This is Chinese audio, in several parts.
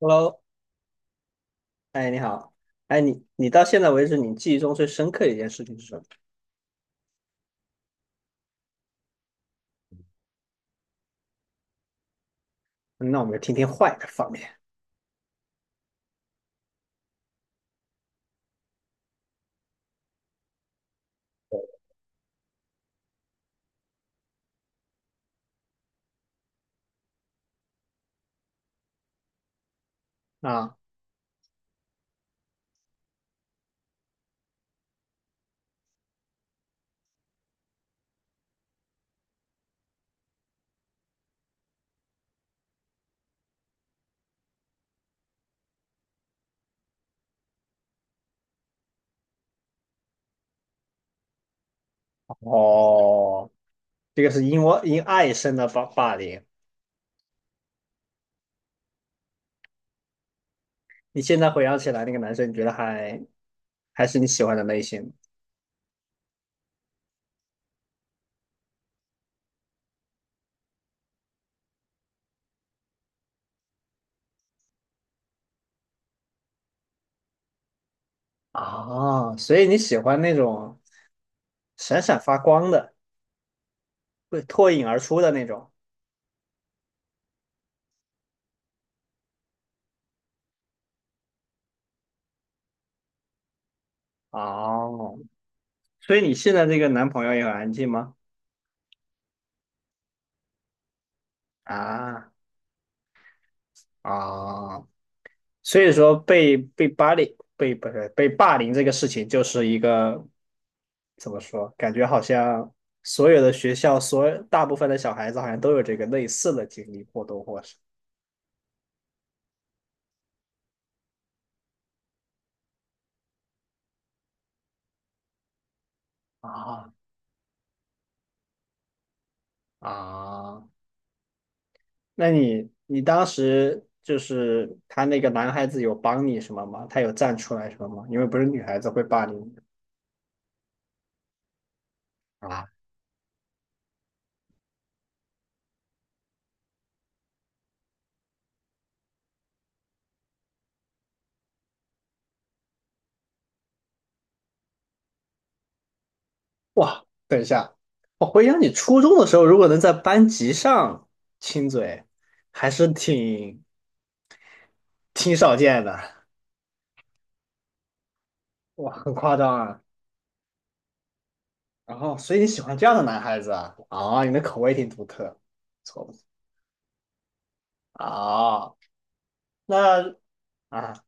Hello，哎，你好，哎，你到现在为止，你记忆中最深刻的一件事情是什么？嗯那我们就听听坏的方面啊。哦，这个是因爱生的霸凌。你现在回想起来，那个男生你觉得还是你喜欢的类型啊？所以你喜欢那种闪闪发光的，会脱颖而出的那种。哦，所以你现在这个男朋友也很安静吗？啊啊，所以说被被霸凌被不是被霸凌这个事情，就是一个怎么说？感觉好像所有的学校，所有大部分的小孩子好像都有这个类似的经历，或多或少。啊啊，那你当时就是他那个男孩子有帮你什么吗？他有站出来什么吗？因为不是女孩子会霸凌你。啊，哇，等一下，我回想你初中的时候，如果能在班级上亲嘴，还是挺少见的，哇，很夸张啊。然后，所以你喜欢这样的男孩子啊？啊，你的口味挺独特，错不错啊，那啊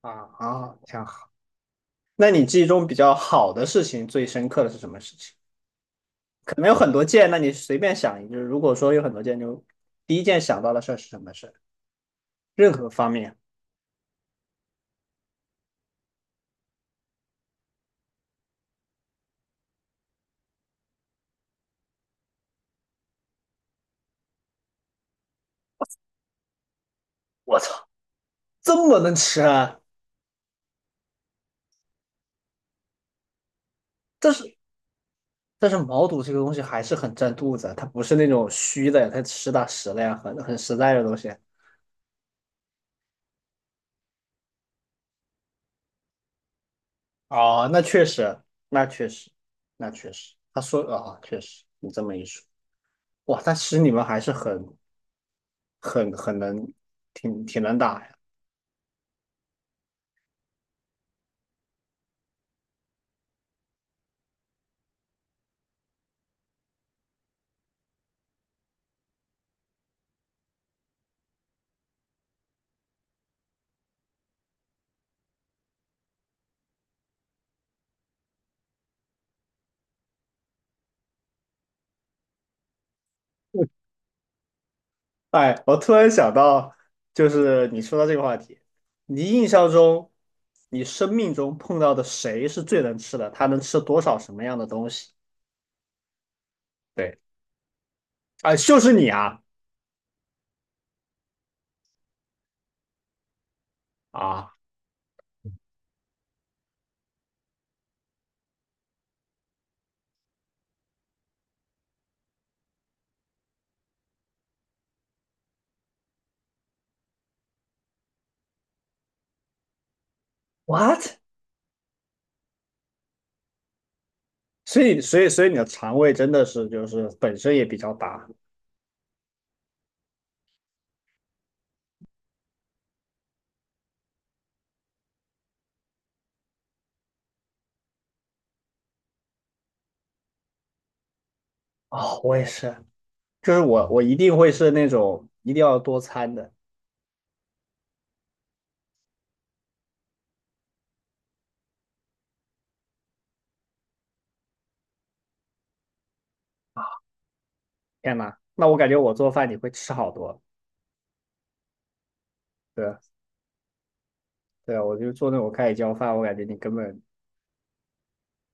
啊挺好。那你记忆中比较好的事情，最深刻的是什么事情？可能有很多件，那你随便想一个。如果说有很多件，就第一件想到的事儿是什么事儿？任何方面。我操，这么能吃啊！但是但是毛肚这个东西还是很占肚子啊，它不是那种虚的，它实打实的呀，很实在的东西。哦，那确实，那确实，那确实，他说啊、确实，你这么一说，哇，但其实你们还是很能，挺能打呀。哎，我突然想到，就是你说到这个话题，你印象中，你生命中碰到的谁是最能吃的？他能吃多少什么样的东西？对，啊、就是你啊啊，what？所以你的肠胃真的是就是本身也比较大哦，我也是。就是我一定会是那种一定要多餐的。天呐，那我感觉我做饭你会吃好多。对对啊，我就做那种盖浇饭，我感觉你根本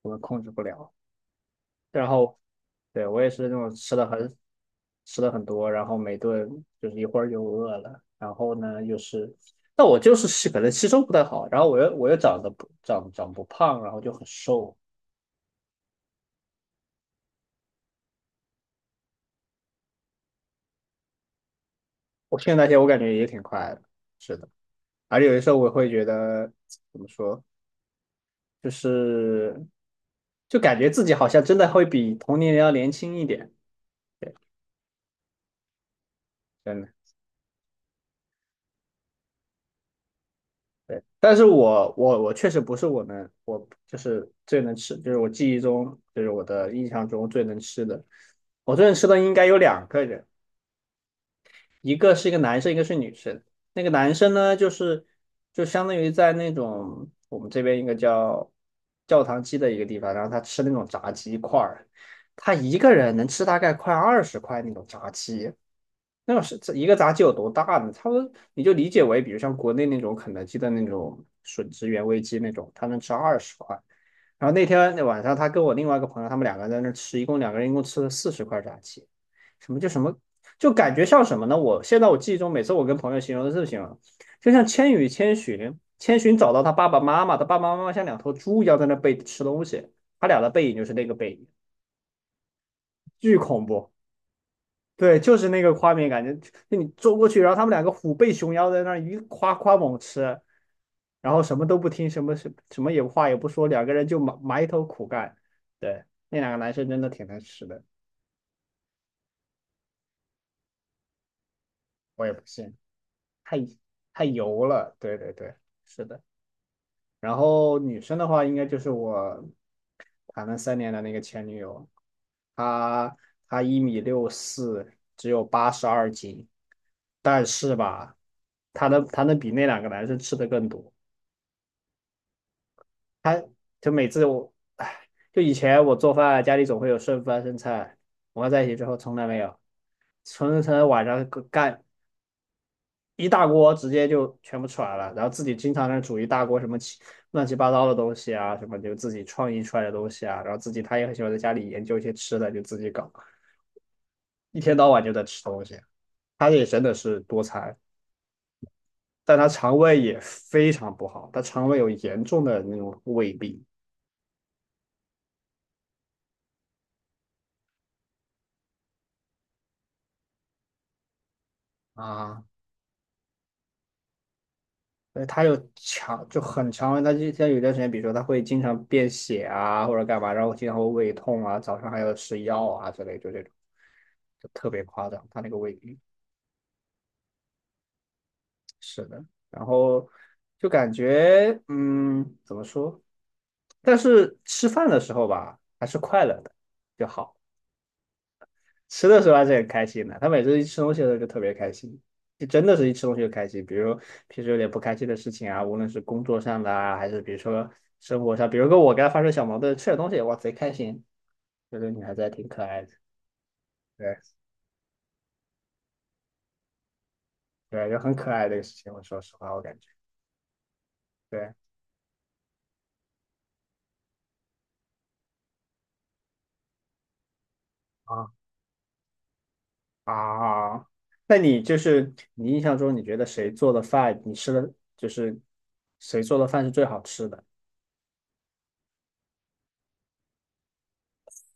我本控制不了。然后，对我也是那种吃的很多，然后每顿就是一会儿就饿了，然后呢又是，那我就是可能吸收不太好，然后我又长不胖，然后就很瘦。我现在那些，我感觉也挺快的，是的。而且有的时候我会觉得怎么说，就是就感觉自己好像真的会比同龄人要年轻一点，真的。对，但是我确实不是我们，我就是最能吃，就是我记忆中，就是我的印象中最能吃的。我最能吃的应该有两个人。一个是一个男生，一个是女生。那个男生呢，就是就相当于在那种我们这边一个叫教堂鸡的一个地方，然后他吃那种炸鸡块儿，他一个人能吃大概快二十块那种炸鸡。那是这一个炸鸡有多大呢？差不多你就理解为，比如像国内那种肯德基的那种吮指原味鸡那种，他能吃二十块。然后那天那晚上，他跟我另外一个朋友，他们两个人在那吃，一共两个人一共吃了40块炸鸡。什么叫什么就感觉像什么呢？我现在我记忆中，每次我跟朋友形容的事情容，就像《千与千寻》，千寻找到他爸爸妈妈，他爸爸妈妈像两头猪一样在那背吃东西，他俩的背影就是那个背影，巨恐怖。对，就是那个画面感觉，就你坐过去，然后他们两个虎背熊腰在那儿一夸夸猛吃，然后什么都不听，什么也话也不说，两个人就埋头苦干。对，那两个男生真的挺能吃的，我也不信，太太油了。对对对，是的。然后女生的话，应该就是我谈了3年的那个前女友，她她1米64，只有82斤，但是吧，她能比那两个男生吃的更多。她就每次我，唉，就以前我做饭，家里总会有剩饭剩菜，我们在一起之后从来没有，从晚上干一大锅直接就全部出来了，然后自己经常在那煮一大锅什么乱七八糟的东西啊，什么就自己创意出来的东西啊，然后自己他也很喜欢在家里研究一些吃的，就自己搞，一天到晚就在吃东西。他也真的是多餐，但他肠胃也非常不好，他肠胃有严重的那种胃病啊，所以他就很强，他有一段时间，比如说他会经常便血啊或者干嘛，然后经常会胃痛啊，早上还要吃药啊之类，就这种就特别夸张，他那个胃病。是的，然后就感觉，怎么说？但是吃饭的时候吧，还是快乐的就好。吃的时候还是很开心的。他每次一吃东西的时候就特别开心，就真的是一吃东西就开心。比如平时有点不开心的事情啊，无论是工作上的啊，还是比如说生活上，比如说我跟他发生小矛盾，吃点东西，哇，贼开心。这个女孩子还挺可爱的，对对，就很可爱这个事情。我说实话，我感觉对。啊。啊，那你就是你印象中，你觉得谁做的饭，你吃的就是谁做的饭是最好吃的？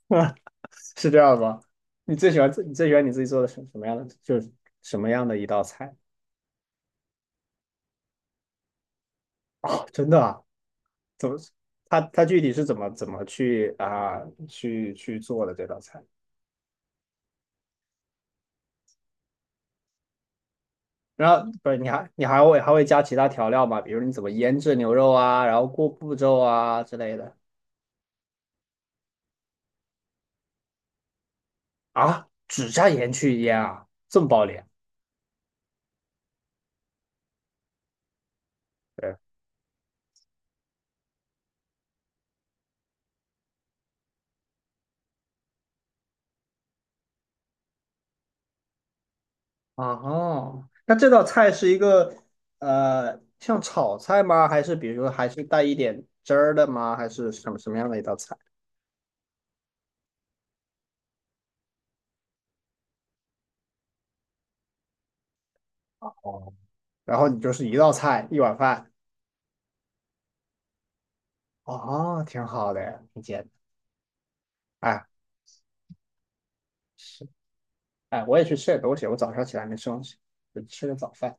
是这样吗？你最喜欢你自己做的什么样的，就是什么样的一道菜？哦，真的啊？怎么？他具体是怎么怎么去啊去去做的这道菜？然后不是你还会加其他调料吗？比如你怎么腌制牛肉啊，然后过步骤啊之类的啊？只加盐去腌啊？这么暴力？对。啊哈，那这道菜是一个像炒菜吗？还是比如说还是带一点汁儿的吗？还是什么什么样的一道菜？哦，然后你就是一道菜一碗饭，哦，挺好的，挺简单。哎，是，哎，我也去吃点东西，我早上起来没吃东西，就吃个早饭。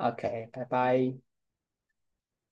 OK，拜拜。